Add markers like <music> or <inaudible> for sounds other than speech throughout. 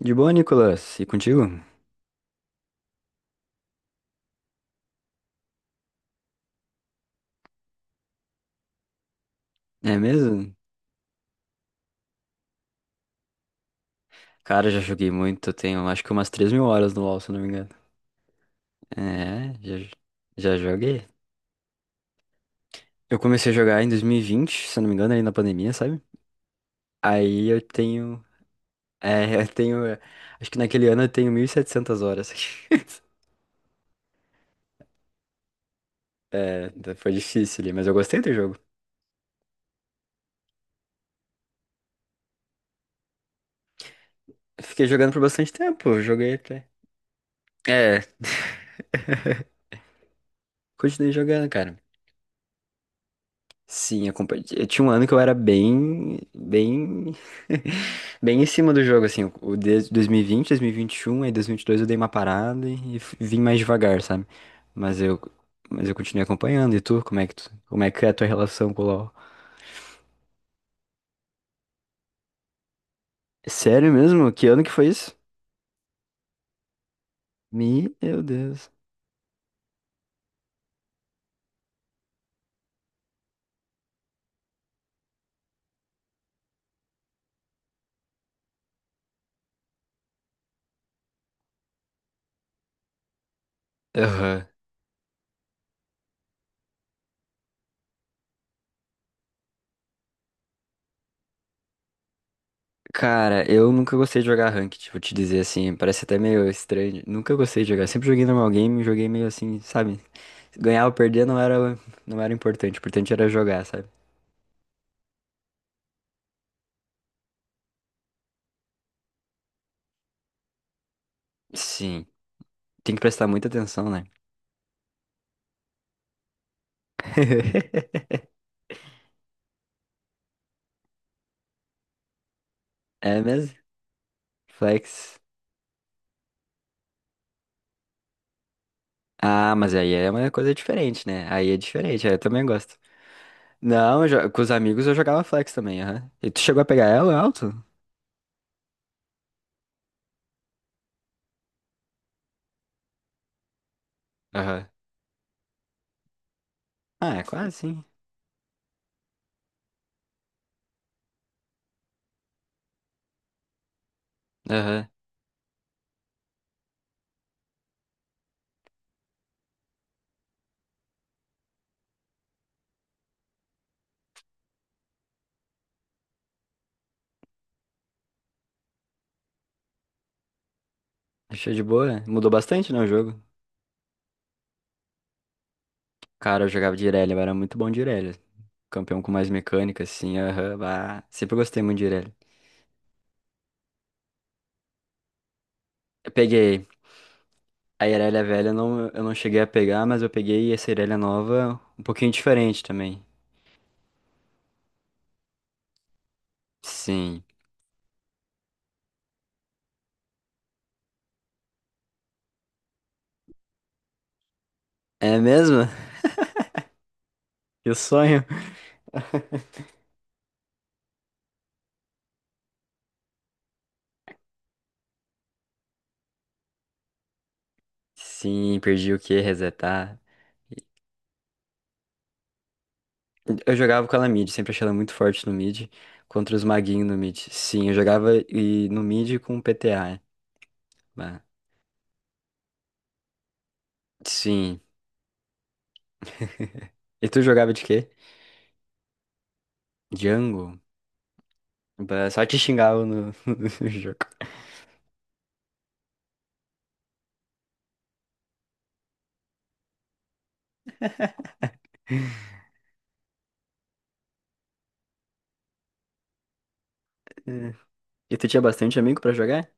De boa, Nicolas? E contigo? É mesmo? Cara, já joguei muito, tenho acho que umas 3.000 horas no LoL, se eu não me engano. É, já, já joguei. Eu comecei a jogar em 2020, se eu não me engano, aí na pandemia, sabe? Aí eu tenho. É, <laughs> eu tenho. É, Acho que naquele ano eu tenho 1.700 horas. <laughs> É, então foi difícil ali, mas eu gostei do jogo. Fiquei jogando por bastante tempo, eu joguei até. É, <laughs> Continuei jogando, cara. Eu tinha um ano que eu era bem, bem, <laughs> bem em cima do jogo, assim, o de 2020, 2021, aí 2022 eu dei uma parada e vim mais devagar, sabe? Mas eu, mas eu continuei acompanhando. E tu, como é que é a tua relação com o LoL? Sério mesmo? Que ano que foi isso? Meu Deus. Aham. Cara, eu nunca gostei de jogar ranked, vou te dizer assim, parece até meio estranho. Nunca gostei de jogar, sempre joguei normal game, joguei meio assim, sabe? Ganhar ou perder não era, não era importante, o importante era jogar, sabe? Sim, tem que prestar muita atenção, né? <laughs> É mesmo? Flex. Ah, mas aí é uma coisa diferente, né? Aí é diferente, aí eu também gosto. Não, com os amigos eu jogava flex também, aham. E tu chegou a pegar ela alto? Aham. Ah, é quase sim. Aham. Achei de boa. Mudou bastante, né, o jogo? Cara, eu jogava de Irelia, eu era muito bom de Irelia. Campeão com mais mecânica, assim, aham. Bah. Sempre gostei muito de Irelia. Eu peguei. A Irelia velha não, eu não cheguei a pegar, mas eu peguei essa Irelia nova um pouquinho diferente também. Sim. É mesmo? <laughs> Eu sonho. Sim, perdi o que Resetar. Eu jogava com ela mid, sempre achei ela muito forte no mid, contra os maguinhos no mid. Sim, eu jogava e no mid com PTA. Bah. Sim. E tu jogava de quê? Django? Bah, só te xingava no, <laughs> no jogo. É. E tu tinha bastante amigo pra jogar?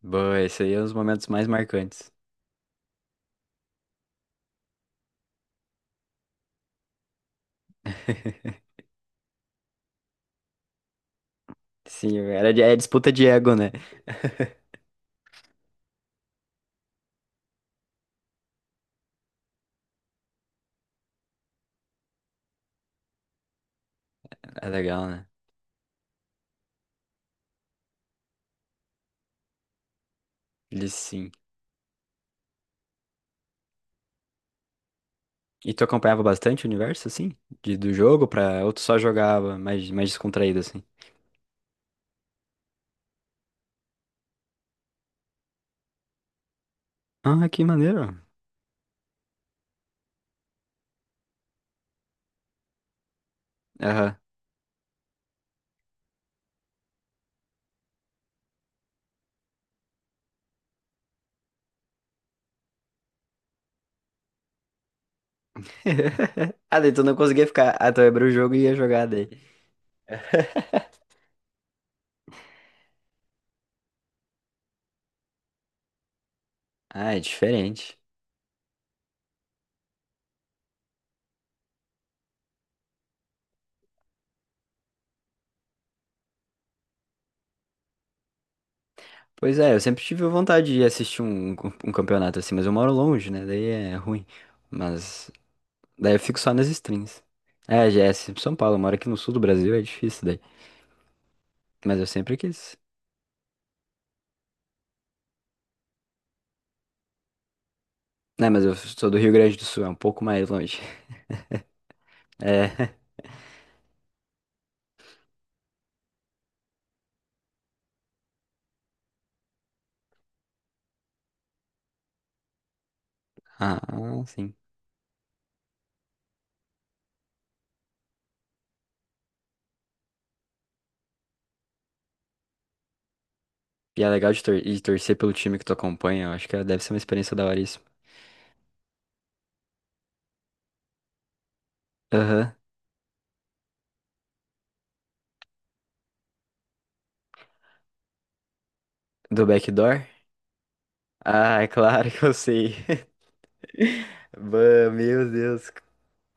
Boa, esse aí é um dos momentos mais marcantes. <laughs> Sim, é disputa de ego, né? <laughs> É legal, né? Ele sim. E tu acompanhava bastante o universo, assim? De, do jogo pra... Ou tu só jogava mais descontraído, assim? Ah, que maneiro. Aham. <laughs> Ah, daí tu não conseguia ficar... Ah, tu abriu o jogo e ia jogar daí. <laughs> Ah, é diferente. Pois é, eu sempre tive vontade de assistir um campeonato assim, mas eu moro longe, né? Daí é ruim. Mas daí eu fico só nas streams. É, já é sempre São Paulo, eu moro aqui no sul do Brasil, é difícil daí. Mas eu sempre quis. Né, mas eu sou do Rio Grande do Sul, é um pouco mais longe. É. <laughs> Ah, sim. E é legal de, de torcer pelo time que tu acompanha, eu acho que deve ser uma experiência da hora isso. Aham. Do backdoor? Ah, <laughs> é claro que eu sei. <laughs> Bah, Meu Deus,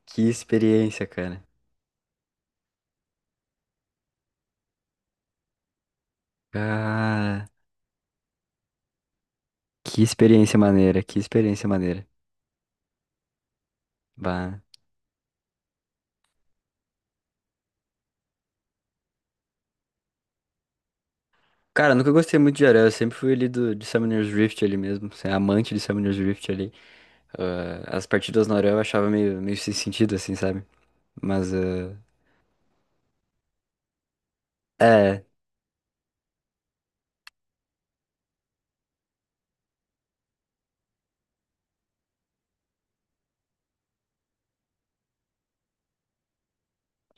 que experiência, cara. Cara, que experiência maneira, que experiência maneira. Bah. Cara, eu nunca gostei muito de Aranha, eu sempre fui ali do, de Summoner's Rift ali mesmo, assim, amante de Summoner's Rift ali. Ah, as partidas no Aranha eu achava meio sem sentido, assim, sabe? Mas eh, é,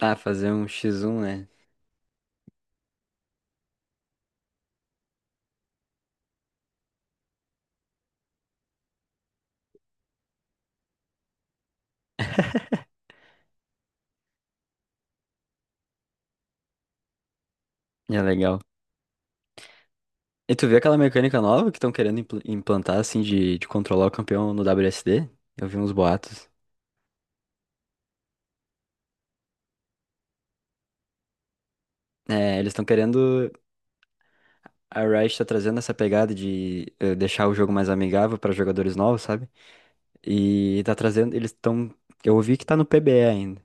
fazer um x1, né? É legal. E tu viu aquela mecânica nova que estão querendo implantar, assim, de controlar o campeão no WSD? Eu vi uns boatos. É, eles estão querendo. A Riot tá trazendo essa pegada de deixar o jogo mais amigável para jogadores novos, sabe? E tá trazendo. Eles estão. Eu ouvi que tá no PBE ainda.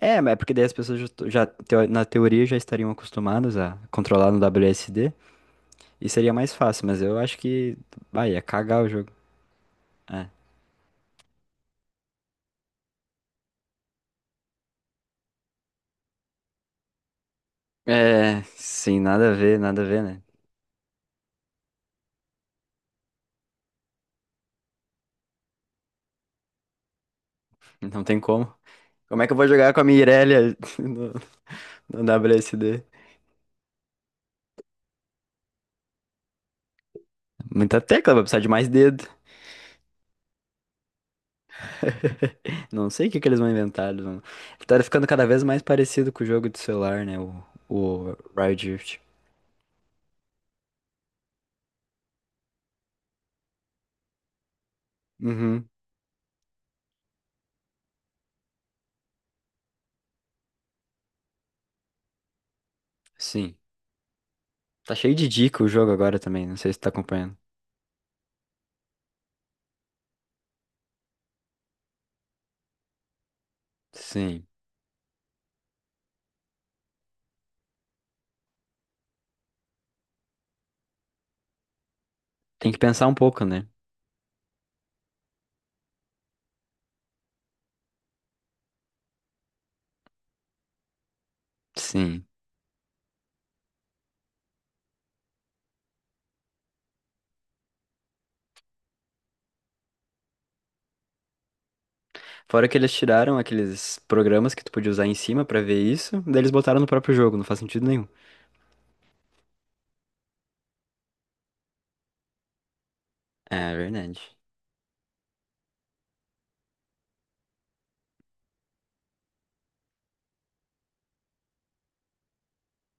É, mas é porque daí as pessoas já, to- já teo- na teoria já estariam acostumadas a controlar no WSD e seria mais fácil, mas eu acho que. Vai, ia cagar o jogo. É. É, sim, nada a ver, nada a ver, né? Não tem como. Como é que eu vou jogar com a Mirelia <laughs> no WSD? Muita tecla, vai precisar de mais dedo. Não sei o que que eles vão inventar. Tá ficando cada vez mais parecido com o jogo de celular, né? O Riot Rift. Uhum, sim. Tá cheio de dica o jogo agora também, não sei se tá acompanhando. Sim. Tem que pensar um pouco, né? Sim. Fora que eles tiraram aqueles programas que tu podia usar em cima pra ver isso, daí eles botaram no próprio jogo, não faz sentido nenhum. É verdade.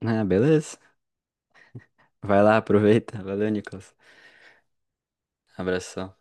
Ah, beleza. Vai lá, aproveita. Valeu, Nicolas. Abração.